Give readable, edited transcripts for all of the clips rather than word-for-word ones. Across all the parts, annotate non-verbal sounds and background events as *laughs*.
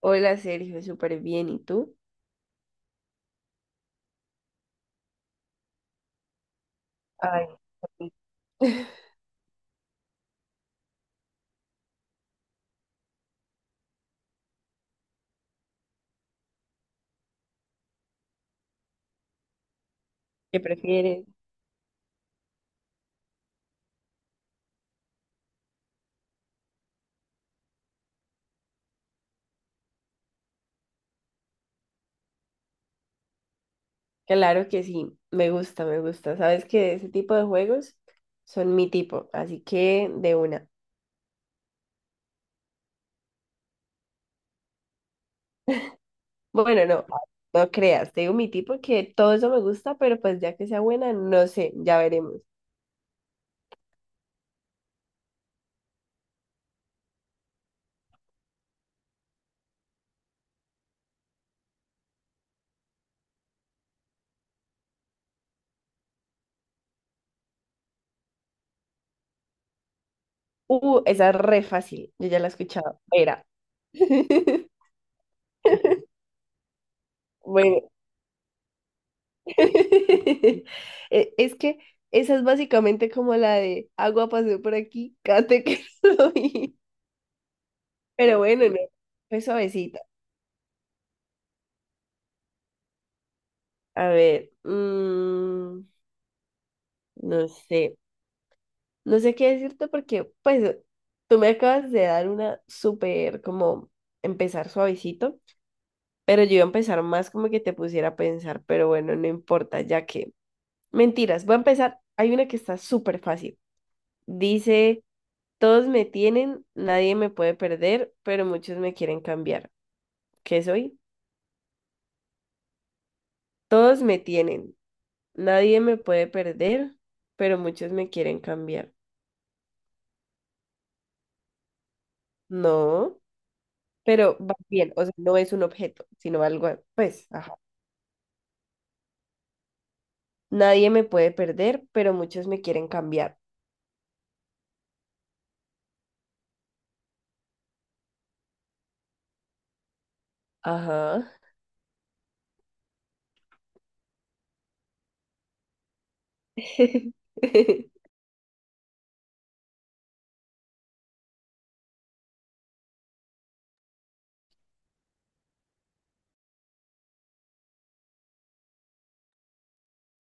Hola Sergio, súper bien. ¿Y tú? Ay, sí. *laughs* ¿Qué prefieres? Claro que sí, me gusta, me gusta. Sabes que ese tipo de juegos son mi tipo, así que de una. Bueno, no, no creas, te digo mi tipo que todo eso me gusta, pero pues ya que sea buena, no sé, ya veremos. Esa es re fácil, yo ya la he escuchado. Era. *laughs* Bueno, *laughs* es que esa es básicamente como la de agua pasó por aquí, *laughs* cate que soy. Pero bueno, no, fue suavecita. A ver, no sé, no sé qué decirte porque, pues, tú me acabas de dar una súper, como, empezar suavecito, pero yo iba a empezar más como que te pusiera a pensar, pero bueno, no importa, ya que, mentiras, voy a empezar, hay una que está súper fácil. Dice, todos me tienen, nadie me puede perder, pero muchos me quieren cambiar. ¿Qué soy? Todos me tienen. Nadie me puede perder, pero muchos me quieren cambiar. No, pero va bien, o sea, no es un objeto, sino algo, pues, ajá. Nadie me puede perder, pero muchos me quieren cambiar. Ajá. *laughs*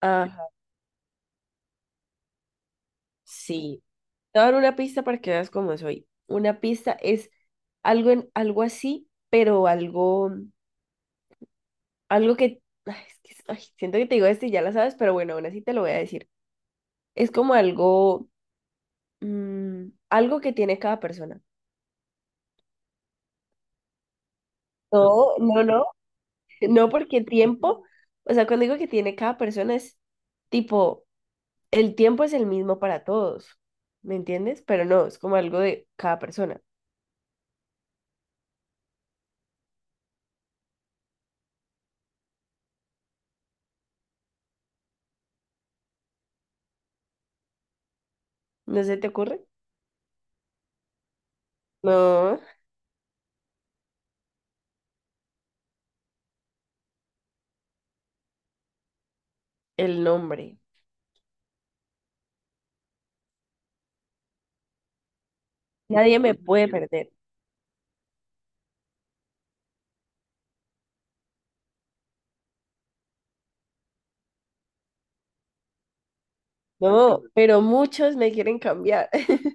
Ajá, sí. Te voy a dar una pista para que veas cómo soy. Una pista es algo en algo así, pero algo, algo que, ay, es ay, siento que te digo esto y ya la sabes, pero bueno, aún así te lo voy a decir. Es como algo. Mm, algo que tiene cada persona. No, no, no. No porque el tiempo, o sea, cuando digo que tiene cada persona es tipo, el tiempo es el mismo para todos, ¿me entiendes? Pero no, es como algo de cada persona. ¿No se te ocurre? No, el nombre. Nadie me puede perder. No, pero muchos me quieren cambiar. *laughs*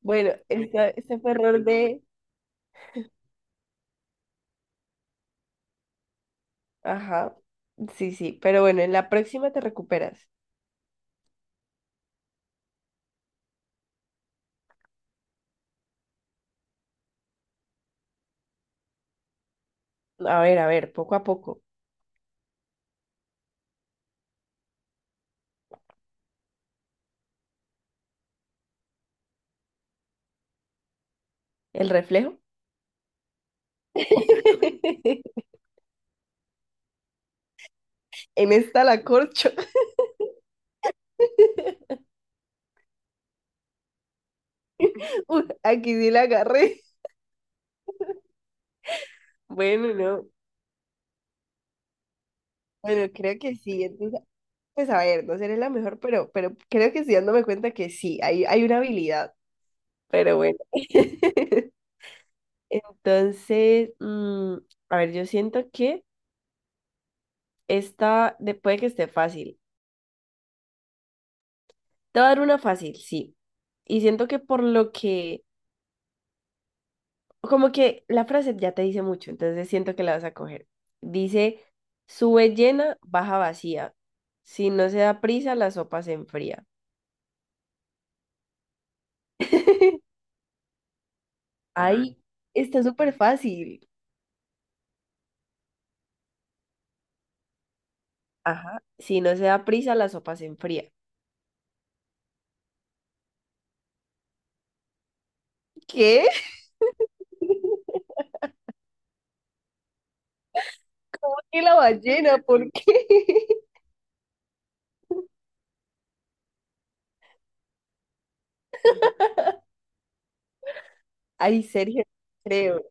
Bueno, este fue error de... Ajá, sí, sí, pero bueno, en la próxima te recuperas. A ver, poco a poco. ¿El reflejo? *laughs* En esta la corcho. *laughs* Uy, aquí sí la agarré. Bueno, no. Bueno, creo que sí. Entonces, pues a ver, no seré la mejor, pero creo que sí dándome cuenta que sí, hay una habilidad. Pero bueno. *laughs* Entonces, a ver, yo siento que puede que esté fácil. Te voy a dar una fácil, sí. Y siento que por lo que como que la frase ya te dice mucho, entonces siento que la vas a coger. Dice, sube llena, baja vacía. Si no se da prisa, la sopa se enfría. *laughs* Ahí está súper fácil. Ajá. Si no se da prisa, la sopa se enfría. ¿Qué? ¿Por qué la ballena? ¿Por qué? *laughs* Ay, Sergio, creo.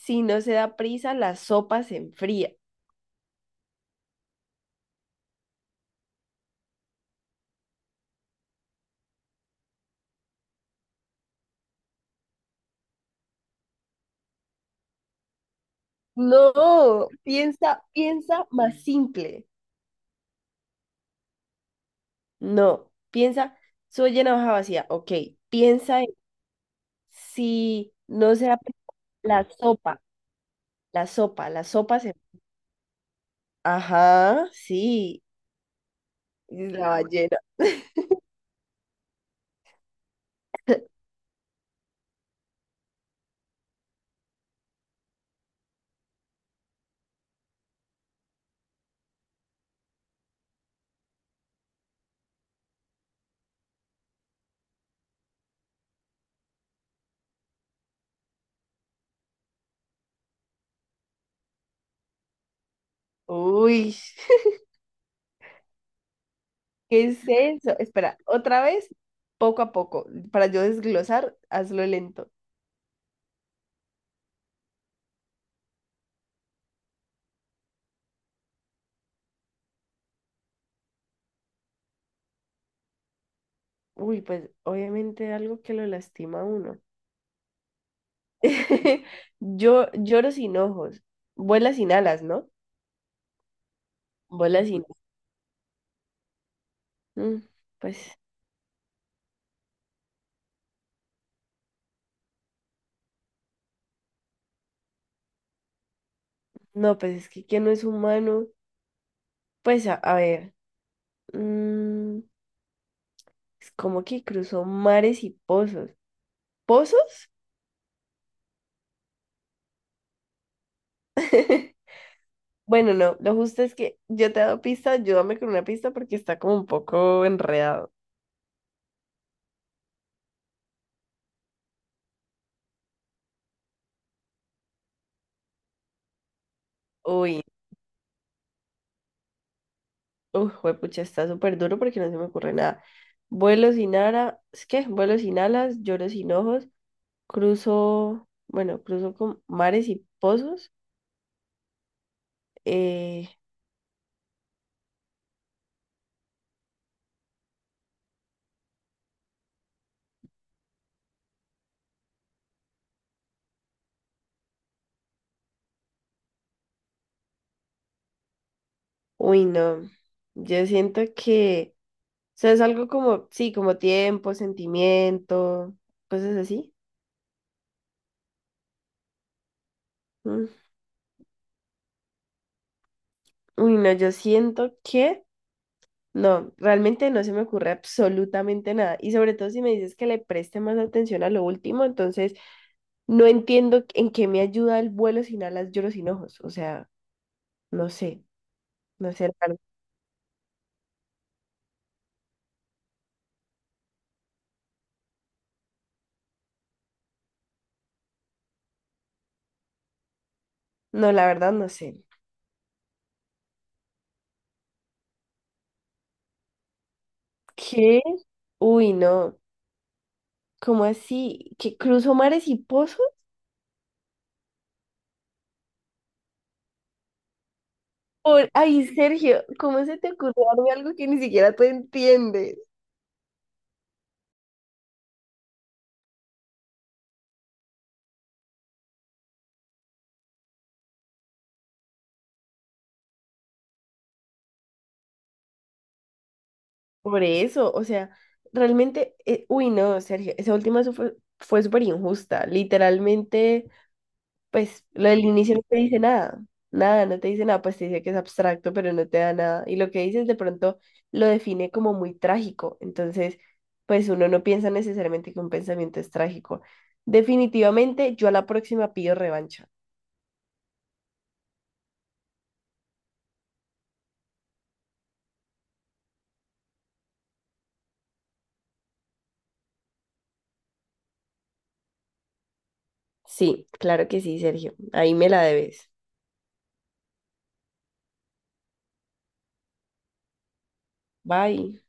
Si no se da prisa, la sopa se enfría. No, piensa, piensa más simple. No, piensa, soy una hoja vacía. Ok, piensa en si no se ha la sopa, la sopa, la sopa se... Ajá, sí, la ballena. Uy, ¿qué es eso? Espera, otra vez, poco a poco, para yo desglosar, hazlo lento. Uy, pues obviamente algo que lo lastima a uno. *laughs* Yo lloro sin ojos, vuela sin alas, ¿no? Vuela sin... Mm, pues no, pues es que ¿quién no es humano? Pues a ver, mm, es como que cruzó mares y pozos. ¿Pozos? *laughs* Bueno, no, lo justo es que yo te he dado pista, ayúdame con una pista porque está como un poco enredado. Uy, uy, juepucha, está súper duro porque no se me ocurre nada. Vuelo sin ara, ¿es qué? Vuelo sin alas, lloro sin ojos, cruzo, bueno, cruzo con mares y pozos. Eh, uy, no, yo siento que... sea, es algo como, sí, como tiempo, sentimiento, cosas así. Mm. Uy, no, yo siento que no, realmente no se me ocurre absolutamente nada. Y sobre todo si me dices que le preste más atención a lo último, entonces no entiendo en qué me ayuda el vuelo sin alas, lloro sin ojos. O sea, no sé, no sé, hermano. No, la verdad no sé. ¿Qué? Uy, no. ¿Cómo así? ¿Que cruzo mares y pozos? Por... Ay, Sergio, ¿cómo se te ocurrió darme algo que ni siquiera tú entiendes? Por eso, o sea, realmente, uy, no, Sergio, esa última fue, fue súper injusta. Literalmente, pues lo del inicio no te dice nada, nada, no te dice nada, pues te dice que es abstracto, pero no te da nada. Y lo que dices de pronto lo define como muy trágico. Entonces, pues uno no piensa necesariamente que un pensamiento es trágico. Definitivamente, yo a la próxima pido revancha. Sí, claro que sí, Sergio. Ahí me la debes. Bye.